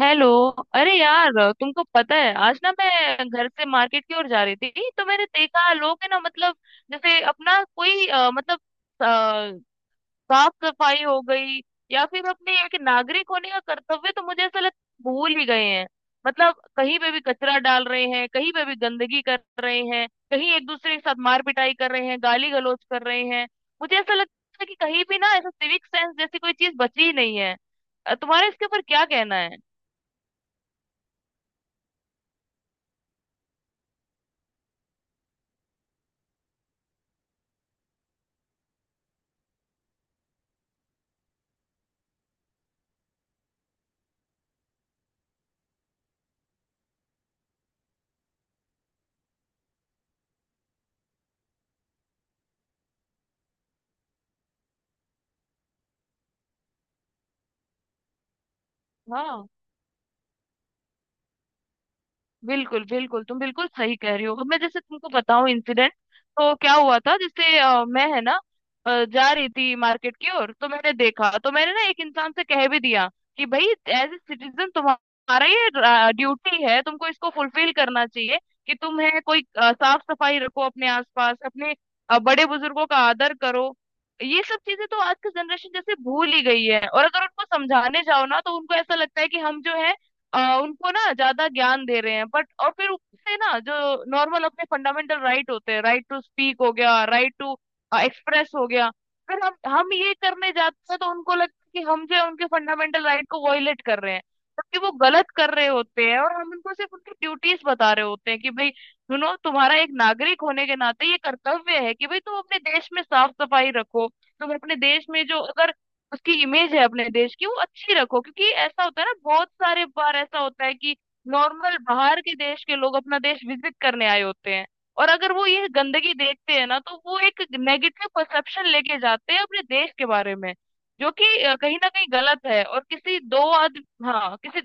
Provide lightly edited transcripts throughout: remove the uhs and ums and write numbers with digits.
Hello. अरे यार। तुमको पता है आज ना मैं घर से मार्केट की ओर जा रही थी, तो मैंने देखा लोग है ना मतलब, जैसे अपना कोई मतलब अ, साफ सफाई हो गई या फिर अपने एक नागरिक होने का कर्तव्य, तो मुझे ऐसा लगता है भूल ही गए हैं। मतलब कहीं पे भी कचरा डाल रहे हैं, कहीं पे भी गंदगी कर रहे हैं, कहीं एक दूसरे के साथ मार पिटाई कर रहे हैं, गाली गलौज कर रहे हैं। मुझे ऐसा लगता है कि कहीं भी ना ऐसा सिविक सेंस जैसी कोई चीज बची ही नहीं है। तुम्हारा इसके ऊपर क्या कहना है? हाँ बिल्कुल बिल्कुल, तुम बिल्कुल सही कह रही हो। अब मैं जैसे तुमको बताऊं इंसिडेंट, तो क्या हुआ था, जैसे मैं है ना जा रही थी मार्केट की ओर, तो मैंने देखा तो मैंने ना एक इंसान से कह भी दिया कि भाई, एज ए सिटीजन तुम्हारा ये ड्यूटी है, तुमको इसको फुलफिल करना चाहिए, कि तुम है कोई साफ सफाई रखो अपने आसपास, अपने बड़े बुजुर्गों का आदर करो। ये सब चीजें तो आज की जनरेशन जैसे भूल ही गई है, और अगर उनको समझाने जाओ ना तो उनको ऐसा लगता है कि हम जो है उनको ना ज्यादा ज्ञान दे रहे हैं, बट और फिर ऊपर से ना जो नॉर्मल अपने फंडामेंटल राइट होते हैं, राइट टू स्पीक हो गया, राइट टू एक्सप्रेस हो गया। फिर हम ये करने जाते हैं तो उनको लगता है कि हम जो है उनके फंडामेंटल राइट को वॉयलेट कर रहे हैं, जबकि वो गलत कर रहे होते हैं और हम उनको सिर्फ उनकी ड्यूटीज बता रहे होते हैं कि भाई सुनो, तुम्हारा एक नागरिक होने के नाते ये कर्तव्य है कि भाई तुम अपने देश में साफ सफाई रखो, तुम अपने देश में जो अगर उसकी इमेज है अपने देश की वो अच्छी रखो, क्योंकि ऐसा होता है ना बहुत सारे बार ऐसा होता है कि नॉर्मल बाहर के देश के लोग अपना देश विजिट करने आए होते हैं, और अगर वो ये गंदगी देखते हैं ना तो वो एक नेगेटिव परसेप्शन लेके जाते हैं अपने देश के बारे में, जो कि कहीं ना कहीं गलत है। और किसी दो आदमी हाँ किसी।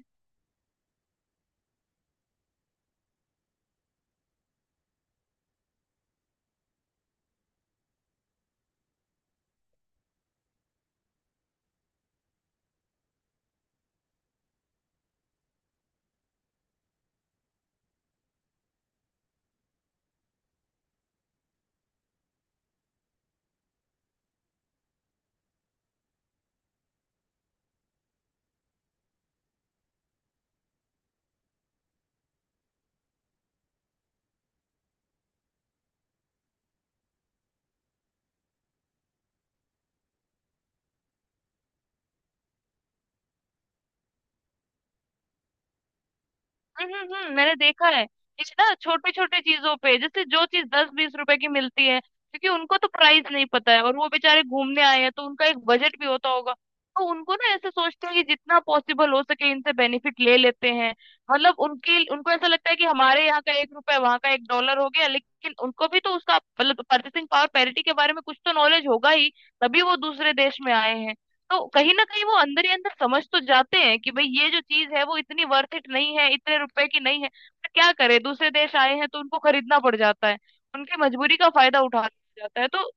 मैंने देखा है इस ना छोटे छोटे चीजों पे, जैसे जो चीज 10-20 रुपए की मिलती है, क्योंकि उनको तो प्राइस नहीं पता है और वो बेचारे घूमने आए हैं तो उनका एक बजट भी होता होगा, तो उनको ना ऐसे सोचते हैं कि जितना पॉसिबल हो सके इनसे बेनिफिट ले लेते हैं। मतलब उनकी उनको ऐसा लगता है कि हमारे यहाँ का एक रुपए वहाँ का एक डॉलर हो गया, लेकिन उनको भी तो उसका मतलब परचेसिंग पावर पैरिटी के बारे में कुछ तो नॉलेज होगा ही, तभी वो दूसरे देश में आए हैं। तो कहीं ना कहीं वो अंदर ही अंदर समझ तो जाते हैं कि भाई ये जो चीज है वो इतनी वर्थ इट नहीं है, इतने रुपए की नहीं है, पर क्या करे दूसरे देश आए हैं तो उनको खरीदना पड़ जाता है, उनकी मजबूरी का फायदा उठाना पड़ जाता है तो।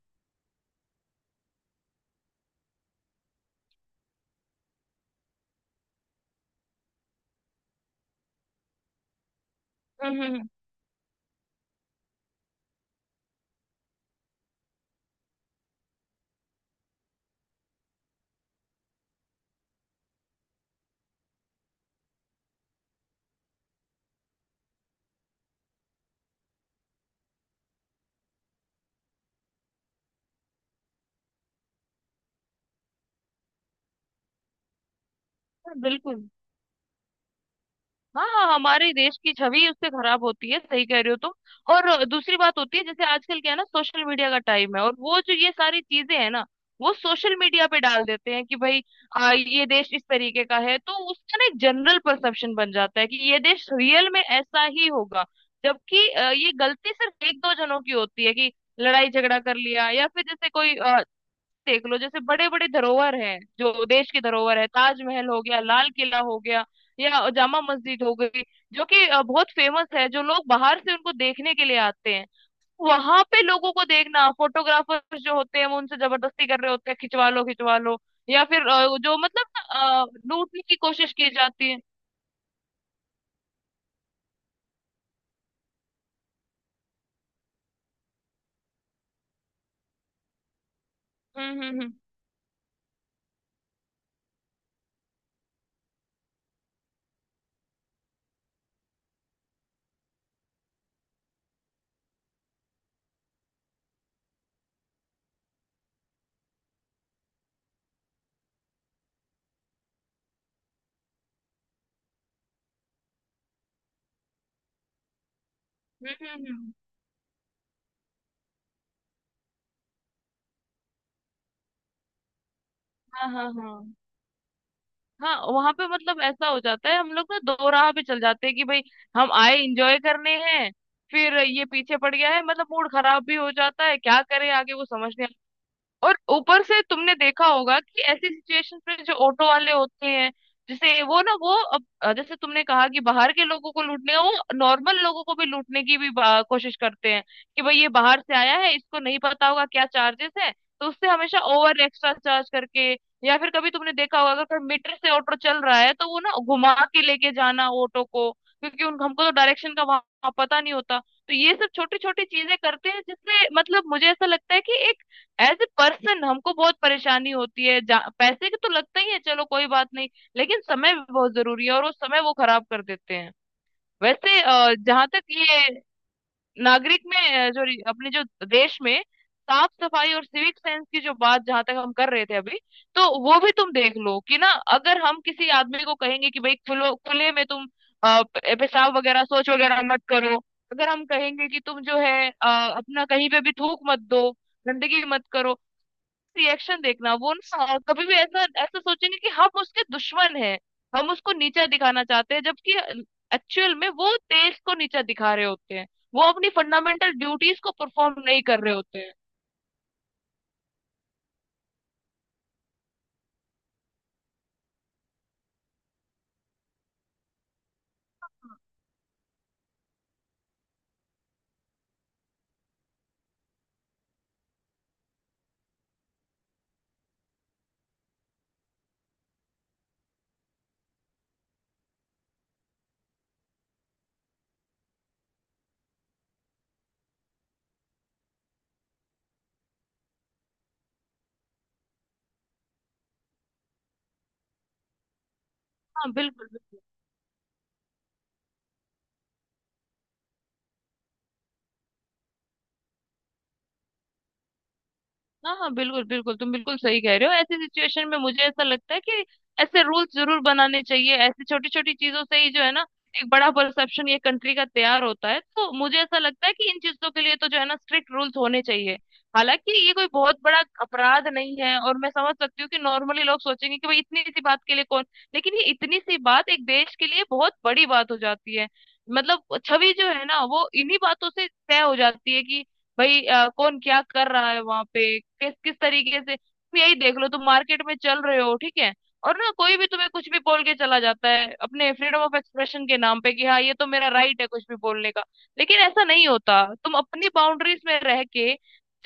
हम्म, बिल्कुल। हाँ हाँ, हमारे देश की छवि उससे खराब होती है, सही कह रहे हो तुम। और दूसरी बात होती है, जैसे आजकल क्या है ना सोशल मीडिया का टाइम है, और वो जो ये सारी चीजें है ना वो सोशल मीडिया पे डाल देते हैं कि भाई ये देश इस तरीके का है, तो उसका ना एक जनरल परसेप्शन बन जाता है कि ये देश रियल में ऐसा ही होगा, जबकि ये गलती सिर्फ एक दो जनों की होती है कि लड़ाई झगड़ा कर लिया, या फिर जैसे कोई, देख लो जैसे बड़े बड़े धरोहर हैं जो देश की धरोहर है, ताजमहल हो गया, लाल किला हो गया या जामा मस्जिद हो गई, जो कि बहुत फेमस है, जो लोग बाहर से उनको देखने के लिए आते हैं। वहां पे लोगों को देखना, फोटोग्राफर्स जो होते हैं वो उनसे जबरदस्ती कर रहे होते हैं, खिंचवा लो खिंचवा लो, या फिर जो मतलब ना, लूटने की कोशिश की जाती है। हम्म, हम्म, हम्म, हम्म, हम्म, हम्म, हाँ हाँ हाँ। हाँ वहां पे मतलब ऐसा हो जाता है, हम लोग ना दो राह पे चल जाते हैं कि भाई हम आए इंजॉय करने हैं, फिर ये पीछे पड़ गया है, मतलब मूड खराब भी हो जाता है, क्या करें आगे वो समझ नहीं। और ऊपर से तुमने देखा होगा कि ऐसी सिचुएशन में जो ऑटो वाले होते हैं, जैसे वो ना वो अब जैसे तुमने कहा कि बाहर के लोगों को लूटने का, वो नॉर्मल लोगों को भी लूटने की भी कोशिश करते हैं कि भाई ये बाहर से आया है, इसको नहीं पता होगा क्या चार्जेस है, तो उससे हमेशा ओवर एक्स्ट्रा चार्ज करके, या फिर कभी तुमने देखा होगा अगर कोई मीटर से ऑटो चल रहा है तो वो ना घुमा के लेके जाना ऑटो को, क्योंकि उन हमको तो डायरेक्शन का वहां पता नहीं होता, तो ये सब छोटी छोटी चीजें करते हैं, जिससे मतलब मुझे ऐसा लगता है कि एज ए पर्सन हमको बहुत परेशानी होती है। पैसे के तो लगता ही है, चलो कोई बात नहीं, लेकिन समय भी बहुत जरूरी है और वो समय वो खराब कर देते हैं वैसे। जहां तक ये नागरिक में जो अपने जो देश में साफ सफाई और सिविक सेंस की जो बात जहां तक हम कर रहे थे अभी, तो वो भी तुम देख लो कि ना, अगर हम किसी आदमी को कहेंगे कि भाई खुलो खुले में तुम पेशाब वगैरह शौच वगैरह मत करो, अगर हम कहेंगे कि तुम जो है अपना कहीं पे भी थूक मत दो, गंदगी मत करो, रिएक्शन देखना, वो ना कभी भी ऐसा ऐसा सोचेंगे कि हम उसके दुश्मन हैं, हम उसको नीचा दिखाना चाहते हैं, जबकि एक्चुअल में वो देश को नीचा दिखा रहे होते हैं, वो अपनी फंडामेंटल ड्यूटीज को परफॉर्म नहीं कर रहे होते हैं। हाँ बिल्कुल बिल्कुल। हाँ हाँ बिल्कुल बिल्कुल, तुम बिल्कुल सही कह रहे हो। ऐसी सिचुएशन में मुझे ऐसा लगता है कि ऐसे रूल्स जरूर बनाने चाहिए, ऐसी छोटी छोटी चीजों से ही जो है ना एक बड़ा परसेप्शन ये कंट्री का तैयार होता है, तो मुझे ऐसा लगता है कि इन चीजों के लिए तो जो है ना स्ट्रिक्ट रूल्स होने चाहिए। हालांकि ये कोई बहुत बड़ा अपराध नहीं है, और मैं समझ सकती हूँ कि नॉर्मली लोग सोचेंगे कि भाई इतनी सी बात के लिए कौन, लेकिन ये इतनी सी बात एक देश के लिए बहुत बड़ी बात हो जाती है। मतलब छवि जो है ना वो इन्हीं बातों से तय हो जाती है, कि भाई कौन क्या कर रहा है वहां पे किस किस तरीके से, तुम यही देख लो, तुम मार्केट में चल रहे हो, ठीक है, और ना कोई भी तुम्हें कुछ भी बोल के चला जाता है अपने फ्रीडम ऑफ एक्सप्रेशन के नाम पे कि हाँ ये तो मेरा राइट है कुछ भी बोलने का, लेकिन ऐसा नहीं होता, तुम अपनी बाउंड्रीज में रह के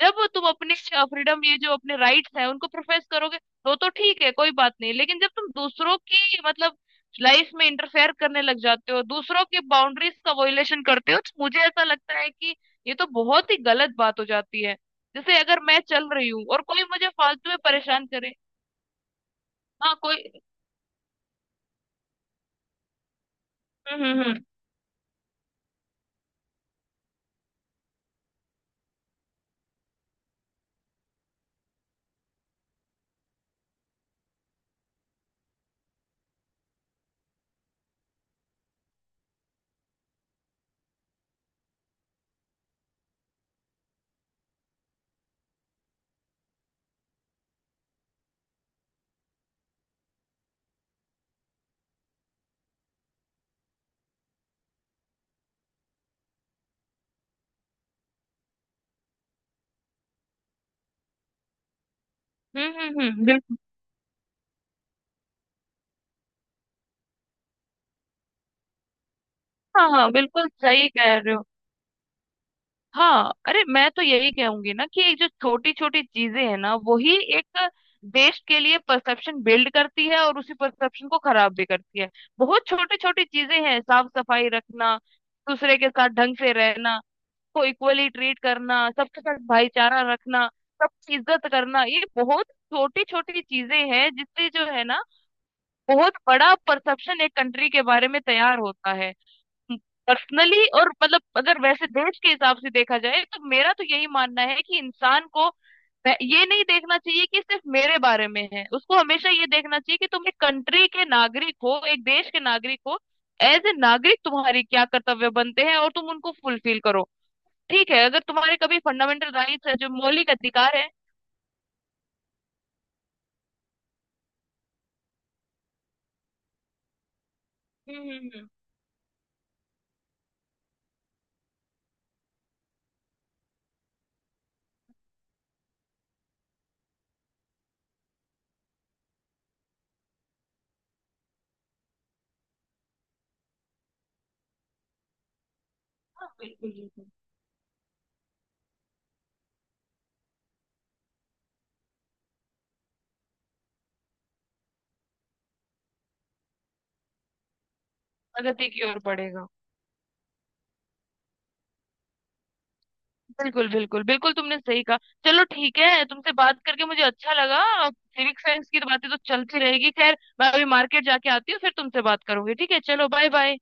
जब तुम अपने फ्रीडम ये जो अपने राइट्स हैं उनको प्रोफेस करोगे, तो ठीक है कोई बात नहीं, लेकिन जब तुम दूसरों की मतलब लाइफ में इंटरफेयर करने लग जाते हो, दूसरों के बाउंड्रीज का वॉयलेशन करते हो, तो मुझे ऐसा लगता है कि ये तो बहुत ही गलत बात हो जाती है, जैसे अगर मैं चल रही हूँ और कोई मुझे फालतू में परेशान करे। हाँ कोई। हम्म, हम्म, हम्म, हम्म, हम्म, बिल्कुल। हाँ हाँ बिल्कुल सही कह रहे हो। हाँ अरे मैं तो यही कहूंगी ना कि ये जो छोटी छोटी चीजें हैं ना वही एक देश के लिए परसेप्शन बिल्ड करती है, और उसी परसेप्शन को खराब भी करती है। बहुत छोटी छोटी चीजें हैं, साफ सफाई रखना, दूसरे के साथ ढंग से रहना, सबको इक्वली ट्रीट करना, सबके साथ भाईचारा रखना, सबकी इज्जत करना, ये बहुत छोटी छोटी चीजें हैं जिससे जो है ना बहुत बड़ा परसेप्शन एक कंट्री के बारे में तैयार होता है। पर्सनली और मतलब अगर वैसे देश के हिसाब से देखा जाए, तो मेरा तो यही मानना है कि इंसान को ये नहीं देखना चाहिए कि सिर्फ मेरे बारे में है, उसको हमेशा ये देखना चाहिए कि तुम एक कंट्री के नागरिक हो एक देश के नागरिक हो, एज ए नागरिक तुम्हारे क्या कर्तव्य बनते हैं और तुम उनको फुलफिल करो। ठीक है, अगर तुम्हारे कभी फंडामेंटल राइट्स है जो मौलिक अधिकार है। हम्म। हम्म। हम्म। हाँ, बिल्कुल बिल्कुल। प्रगति की ओर बढ़ेगा। बिल्कुल बिल्कुल बिल्कुल, तुमने सही कहा। चलो ठीक है, तुमसे बात करके मुझे अच्छा लगा। सिविक साइंस की तो बातें तो चलती रहेगी, खैर मैं अभी मार्केट जाके आती हूँ फिर तुमसे बात करूंगी, ठीक है चलो बाय बाय।